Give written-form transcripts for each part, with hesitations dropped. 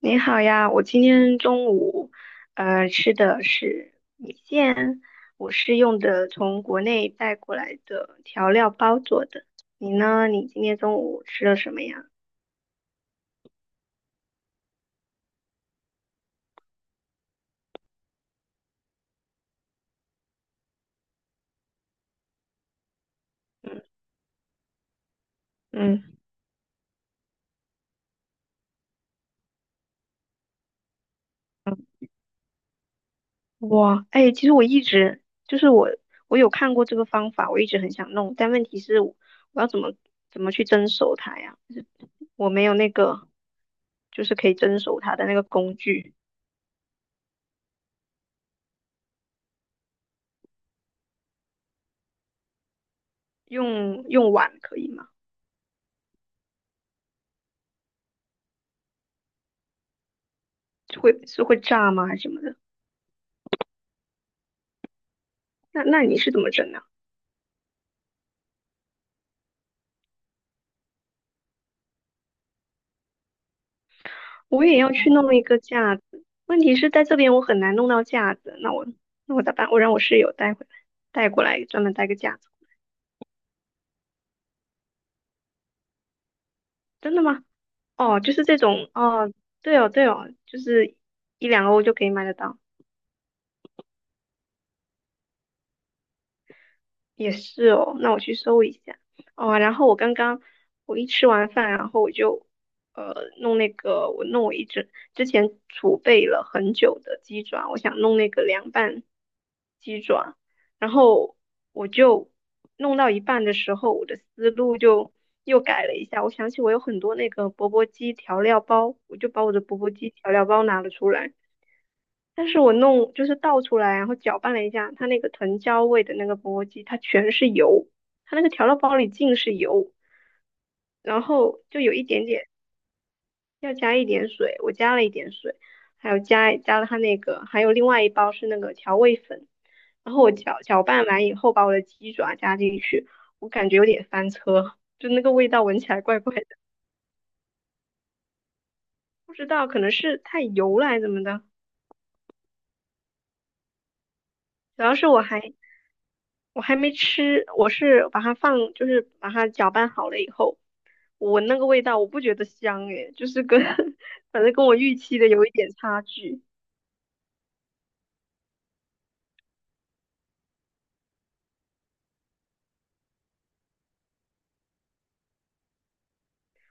你好呀，我今天中午，吃的是米线，我是用的从国内带过来的调料包做的。你呢？你今天中午吃了什么呀？嗯嗯，哇，哎，其实我一直就是我，我有看过这个方法，我一直很想弄，但问题是我要怎么去蒸熟它呀？我没有那个，就是可以蒸熟它的那个工具，用碗可以吗？会是会炸吗？还是什么的？那你是怎么整的？我也要去弄一个架子，问题是在这边我很难弄到架子，那我咋办？我让我室友带回来，带过来专门带个架子。真的吗？哦，就是这种哦，对哦对哦，就是一两欧就可以买得到。也是哦，那我去搜一下。哦，然后我刚刚我一吃完饭，然后我就呃弄那个，我一直之前储备了很久的鸡爪，我想弄那个凉拌鸡爪，然后我就弄到一半的时候，我的思路就又改了一下，我想起我有很多那个钵钵鸡调料包，我就把我的钵钵鸡调料包拿了出来。但是我弄就是倒出来，然后搅拌了一下，它那个藤椒味的那个钵鸡，它全是油，它那个调料包里尽是油，然后就有一点点要加一点水，我加了一点水，还有加了它那个，还有另外一包是那个调味粉，然后我搅拌完以后，把我的鸡爪加进去，我感觉有点翻车，就那个味道闻起来怪怪的，不知道可能是太油了还是怎么的。主要是我还没吃，我是把它放，就是把它搅拌好了以后，我闻那个味道，我不觉得香诶，就是跟 反正跟我预期的有一点差距。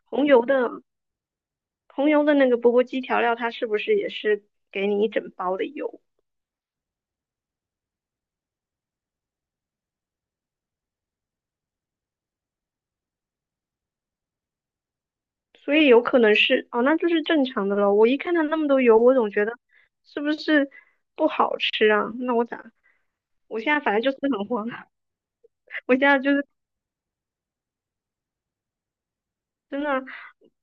红油的那个钵钵鸡调料，它是不是也是给你一整包的油？所以有可能是哦，那就是正常的咯。我一看它那么多油，我总觉得是不是不好吃啊？那我咋？我现在反正就是很慌，我现在就是真的，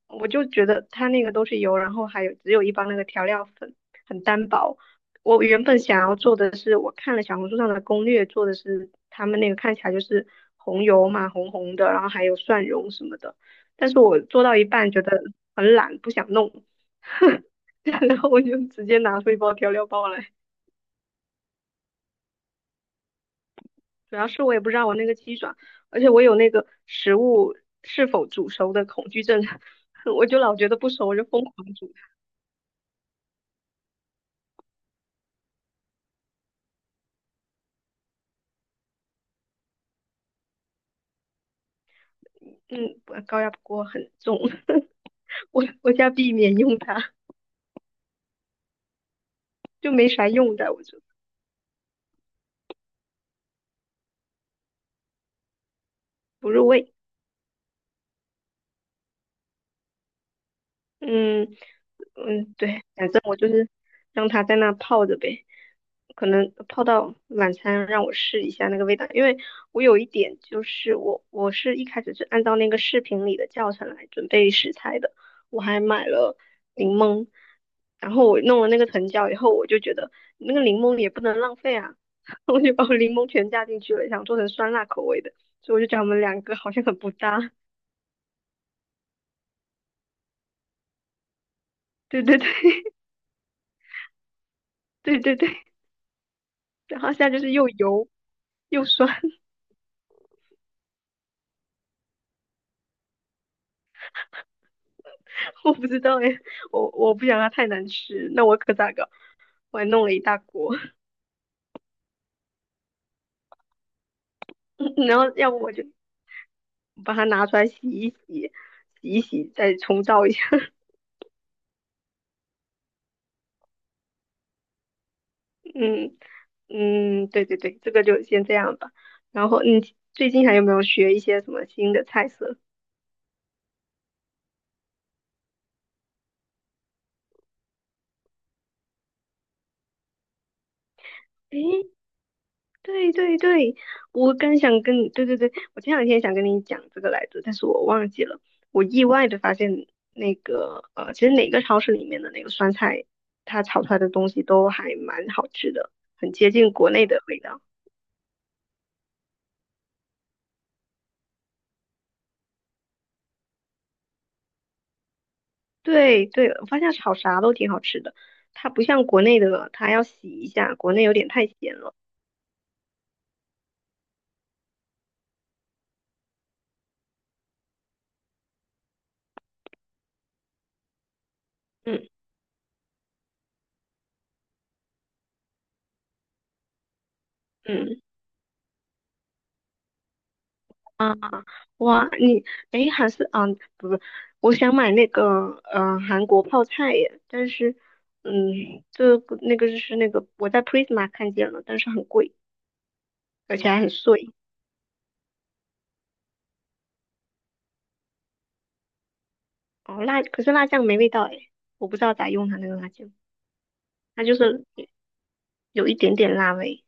我就觉得它那个都是油，然后还有只有一包那个调料粉，很单薄。我原本想要做的是，我看了小红书上的攻略，做的是他们那个看起来就是红油嘛，红红的，然后还有蒜蓉什么的。但是我做到一半觉得很懒，不想弄，然后我就直接拿出一包调料包来。主要是我也不知道我那个鸡爪，而且我有那个食物是否煮熟的恐惧症，我就老觉得不熟，我就疯狂煮。嗯，我高压锅很重，我家避免用它，就没啥用的，我觉得不入味。嗯嗯，对，反正我就是让它在那泡着呗，可能泡到晚餐让我试一下那个味道，因为我有一点就是我是一开始是按照那个视频里的教程来准备食材的，我还买了柠檬，然后我弄了那个藤椒以后，我就觉得那个柠檬也不能浪费啊，我就把我柠檬全加进去了，想做成酸辣口味的，所以我就觉得我们两个好像很不搭，对对对 对对对，然后现在就是又油。又酸，我不知道哎，我不想它太难吃，那我可咋搞？我还弄了一大锅，然后要不我就把它拿出来洗一洗，洗一洗再重造一下。嗯嗯，对对对，这个就先这样吧。然后你最近还有没有学一些什么新的菜色？诶对对对，我刚想跟你，对对对，我前两天想跟你讲这个来着，但是我忘记了。我意外的发现，那个，其实哪个超市里面的那个酸菜，它炒出来的东西都还蛮好吃的，很接近国内的味道。对对，我发现炒啥都挺好吃的，它不像国内的，它要洗一下，国内有点太咸了。嗯嗯。啊，哇，你诶，还是啊，不不，我想买那个韩国泡菜耶，但是这个那个就是那个我在 Prisma 看见了，但是很贵，而且还很碎。哦，辣，可是辣酱没味道诶，我不知道咋用它那个辣酱，它就是有一点点辣味。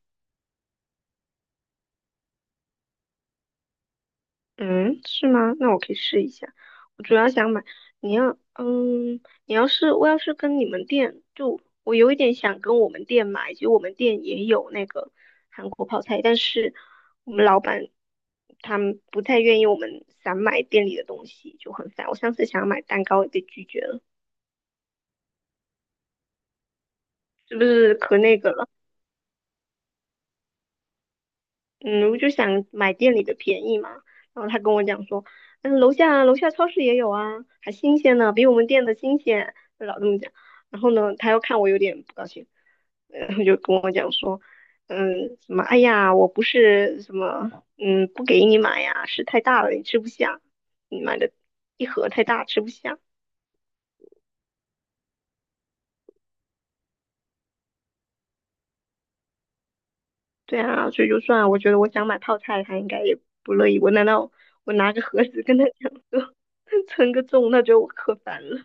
嗯，是吗？那我可以试一下。我主要想买，你要，你要是我要是跟你们店，就我有一点想跟我们店买，其实我们店也有那个韩国泡菜，但是我们老板他们不太愿意我们散买店里的东西，就很烦。我上次想要买蛋糕也被拒绝了，是不是可那个了？嗯，我就想买店里的便宜嘛。然后他跟我讲说，楼下超市也有啊，还新鲜呢，比我们店的新鲜。他老这么讲。然后呢，他又看我有点不高兴，然后就跟我讲说，哎呀，我不是什么，不给你买呀，是太大了，你吃不下，你买的一盒太大，吃不下。对啊，所以就算我觉得我想买泡菜，他应该也不乐意。我难道我拿个盒子跟他讲说 称个重，他觉得我可烦了？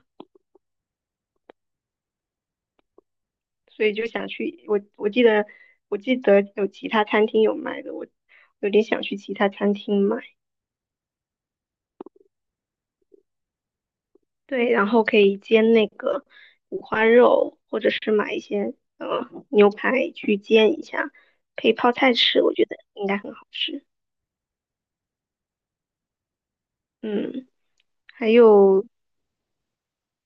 所以就想去。我记得有其他餐厅有卖的，我有点想去其他餐厅买。对，然后可以煎那个五花肉，或者是买一些牛排去煎一下，配泡菜吃，我觉得应该很好吃。嗯，还有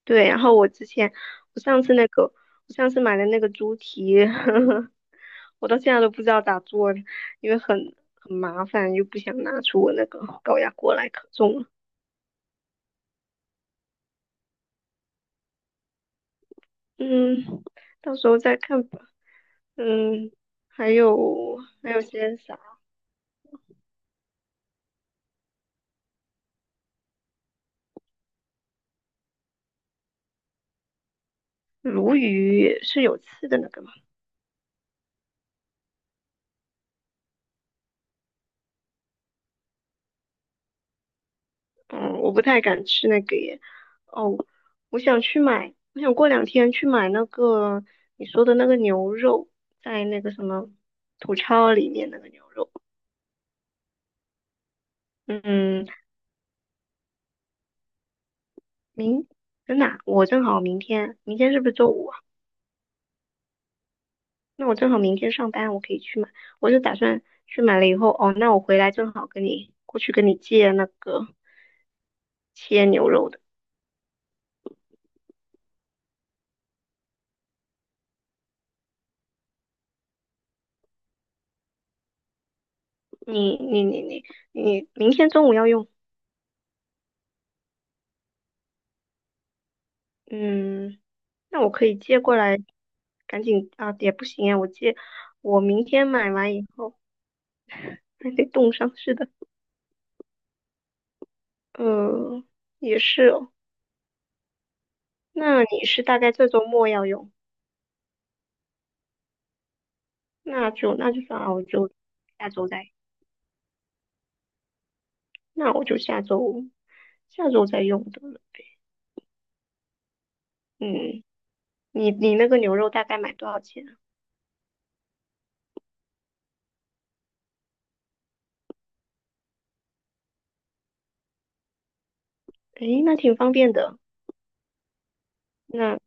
对，然后我之前我上次那个我上次买的那个猪蹄，呵呵，我到现在都不知道咋做的，因为很麻烦，又不想拿出我那个高压锅来可重了。嗯，到时候再看吧。嗯，还有还有些啥？鲈鱼是有刺的那个吗？嗯，我不太敢吃那个耶。哦，我想去买，我想过两天去买那个你说的那个牛肉，在那个什么土超里面那个牛肉。嗯，明，真的啊我正好明天，明天是不是周五啊？那我正好明天上班，我可以去买。我就打算去买了以后，哦，那我回来正好跟你过去跟你借那个切牛肉的。你你你你你明天中午要用，嗯，那我可以借过来，赶紧啊，也不行啊，我借，我明天买完以后还得冻上，是的，呃，也是哦，那你是大概这周末要用，那就那就算了，我就下周再，那我就下周再用得了，嗯，你你那个牛肉大概买多少钱啊？诶，那挺方便的，那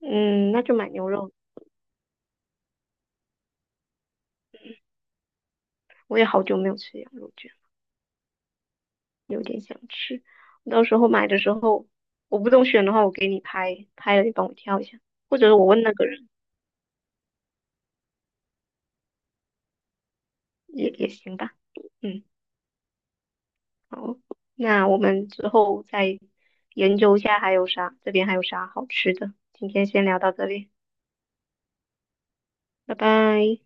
嗯，那就买牛肉，我也好久没有吃羊肉卷。有点想吃。到时候买的时候，我不懂选的话，我给你拍，拍了你帮我挑一下，或者我问那个人也行吧。嗯，好，那我们之后再研究一下还有啥，这边还有啥好吃的。今天先聊到这里，拜拜。